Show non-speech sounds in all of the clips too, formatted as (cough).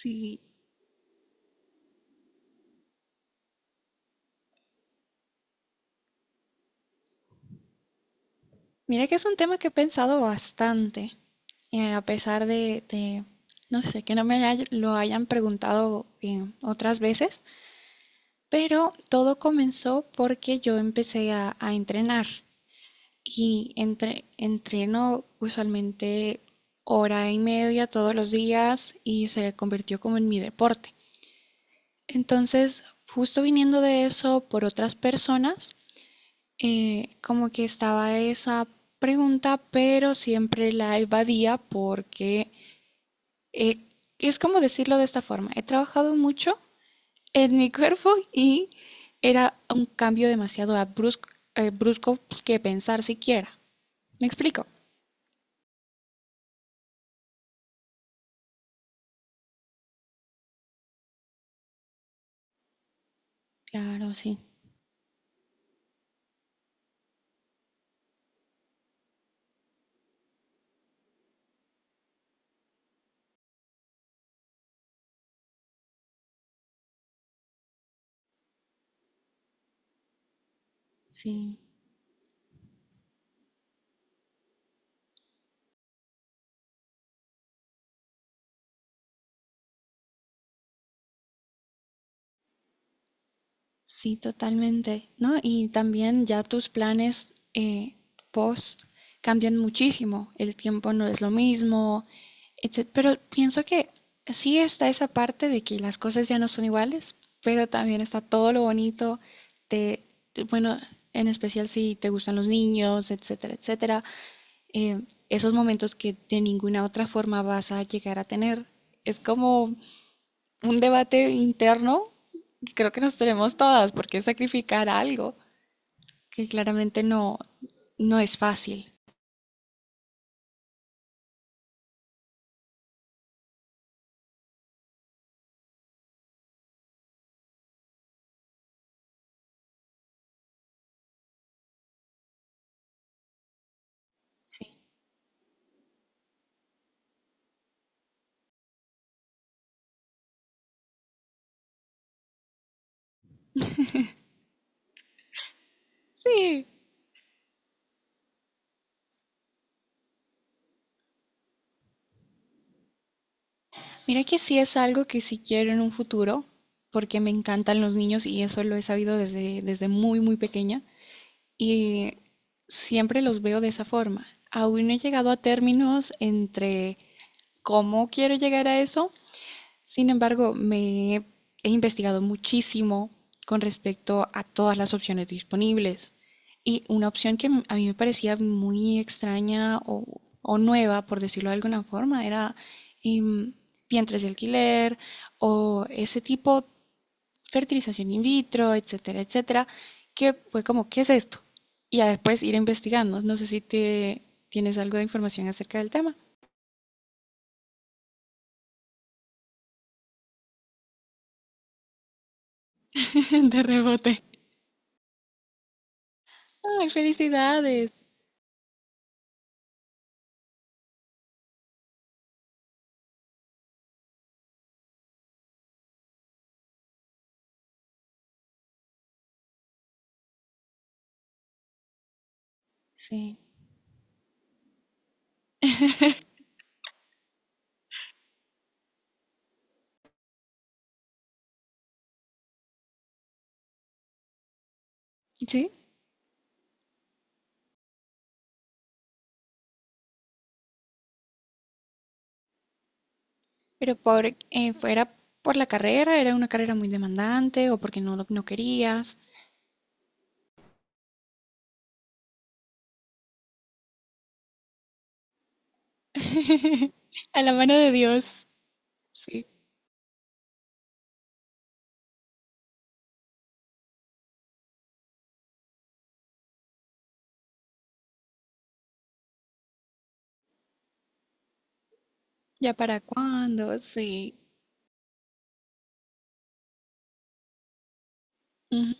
Sí, mira que es un tema que he pensado bastante, a pesar de, no sé, que no me lo hayan preguntado otras veces, pero todo comenzó porque yo empecé a entrenar y entreno usualmente hora y media todos los días y se convirtió como en mi deporte. Entonces, justo viniendo de eso por otras personas, como que estaba esa pregunta, pero siempre la evadía porque eh, es como decirlo de esta forma. He trabajado mucho en mi (laughs) cuerpo y era un cambio demasiado abrusco, brusco pues, que pensar siquiera. ¿Me explico? Claro, sí, sí. Sí, totalmente, ¿no? Y también ya tus planes post cambian muchísimo, el tiempo no es lo mismo, etcétera. Pero pienso que sí está esa parte de que las cosas ya no son iguales, pero también está todo lo bonito de, bueno, en especial si te gustan los niños, etcétera, etcétera, eh, esos momentos que de ninguna otra forma vas a llegar a tener. Es como un debate interno que creo que nos tenemos todas, porque sacrificar algo que claramente no es fácil. Sí. Sí. Mira que sí es algo que sí quiero en un futuro, porque me encantan los niños y eso lo he sabido desde muy pequeña. Y siempre los veo de esa forma. Aún no he llegado a términos entre cómo quiero llegar a eso. Sin embargo, me he he investigado muchísimo con respecto a todas las opciones disponibles. Y una opción que a mí me parecía muy extraña o nueva, por decirlo de alguna forma, era em, vientres de alquiler o ese tipo, fertilización in vitro, etcétera, etcétera, que fue como, ¿qué es esto? Y a después ir investigando. No sé si te tienes algo de información acerca del tema. (laughs) De rebote. Ay, felicidades. Sí. Sí, pero ¿era por la carrera? ¿Era una carrera muy demandante o porque no, no querías? (laughs) A la mano de Dios. Sí. ¿Ya para cuándo? Sí. Ujú.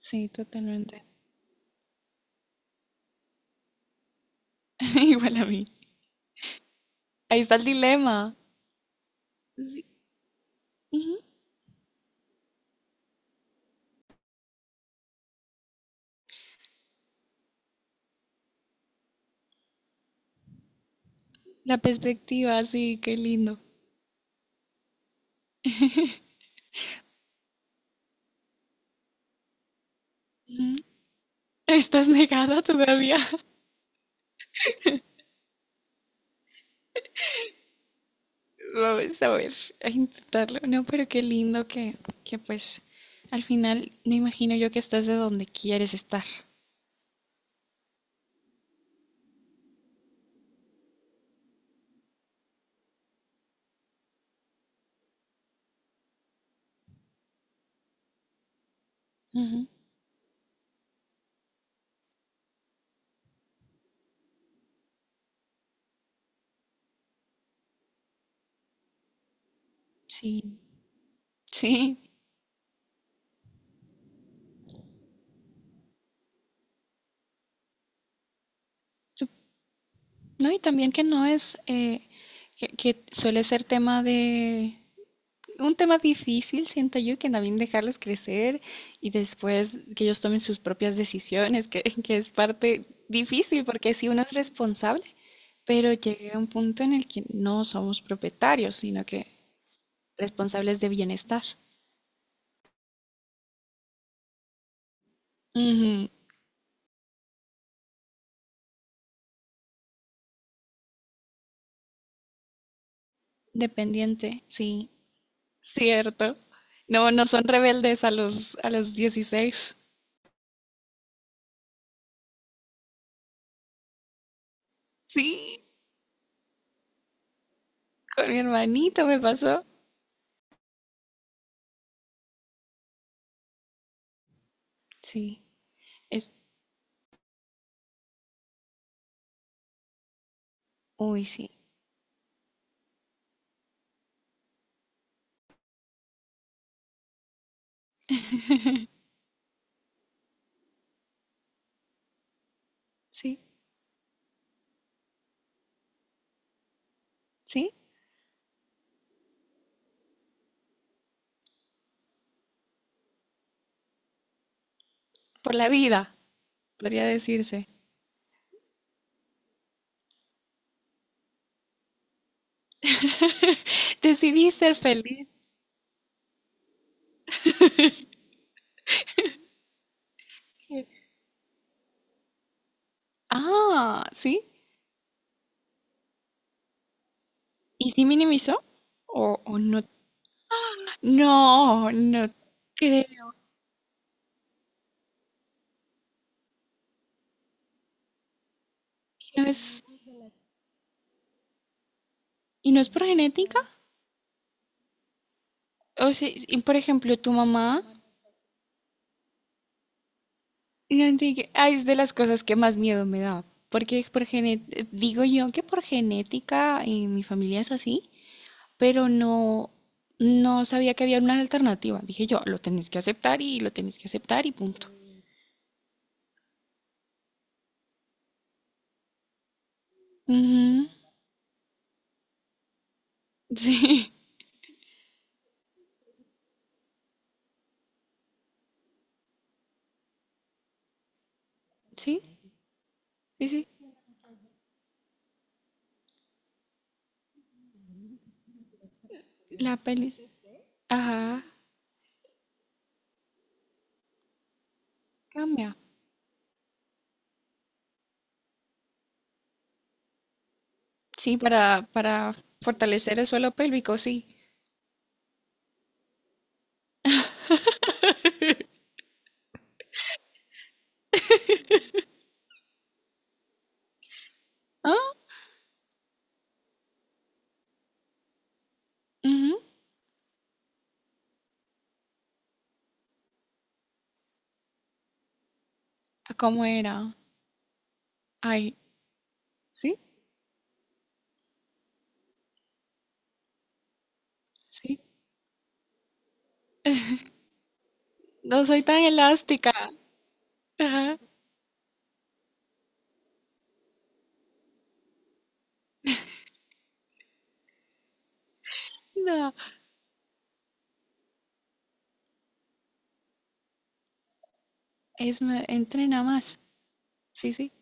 Sí, totalmente. (laughs) Igual a mí. Ahí está el dilema. Sí. Ujú. La perspectiva, sí, qué lindo. Ujú. ¿Estás negada todavía? (laughs) Vamos a ver, a intentarlo. No, pero qué lindo que pues al final me imagino yo que estás de donde quieres estar. Ujú. Sí, sí. Sup- No, y también que no es, que suele ser tema de, un tema difícil, siento yo, que también dejarlos crecer y después que ellos tomen sus propias decisiones, que, (laughs) que es parte difícil porque si uno es responsable, pero llega un punto en el que no somos propietarios, sino que responsables de bienestar. Ujú. Dependiente, sí, cierto. No, no son rebeldes a a los 16. Sí, con mi hermanito me pasó. Sí, es, uy, sí, sí, sí, por la vida, podría decirse. (laughs) Decidí ser feliz. Ah, sí. ¿Y sí minimizó? O no? No, no creo. ¿No es, y no es por genética? O sea, y por ejemplo, tu mamá, no entiendo, ah, es de las cosas que más miedo me da. Porque por gene- Digo yo que por genética mi familia es así, pero no, no sabía que había una alternativa. Dije yo, lo tenés que aceptar y lo tenés que aceptar y punto. Ujú. Sí, (laughs) sí, sí, sí. La pelvis. Ajá, cambia. Sí, para fortalecer el suelo pélvico, sí. Ah, ujú. ¿A ¿Cómo era? Ay, sí, sí. No soy tan elástica. Ajá, no. Es, entrena más. Sí, sí.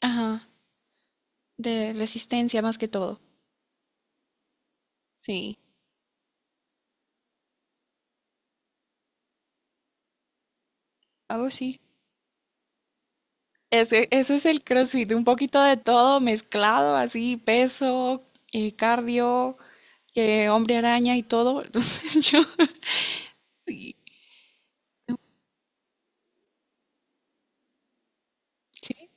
Ajá. De resistencia más que todo. Sí. Oh, sí. Ese es el CrossFit, un poquito de todo mezclado, así, peso, cardio, hombre araña y todo. (laughs) Entonces, Yo, sí, sí.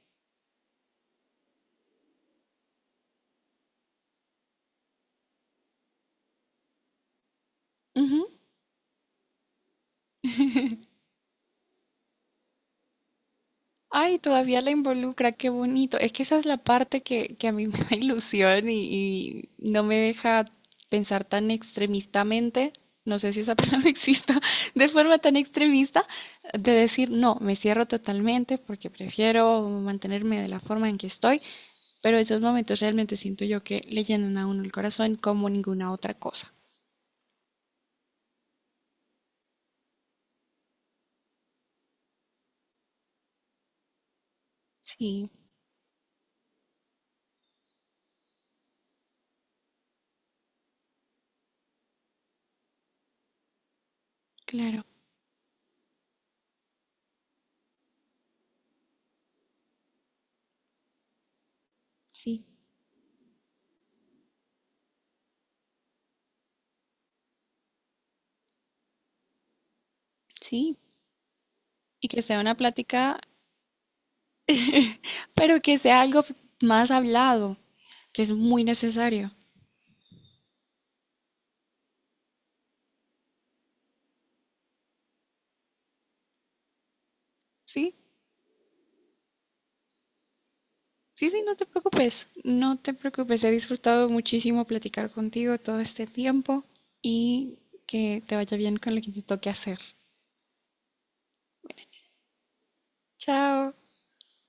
Ujú. (laughs) Ay, todavía la involucra, qué bonito. Es que esa es la parte que a mí (laughs) me da ilusión y no me deja pensar tan extremistamente, no sé si esa (laughs) palabra exista, de forma tan extremista, de decir, no, me cierro totalmente porque prefiero mantenerme de la forma en que estoy. Pero esos momentos realmente siento yo que le llenan a uno el corazón como ninguna otra cosa. Sí, claro, sí, sí. Y que sea una plática, pero que sea algo más hablado, que es muy necesario. Sí, sí, sí, no te preocupes, no te preocupes. He disfrutado muchísimo platicar contigo todo este tiempo y que te vaya bien con lo que te toque hacer. Chao.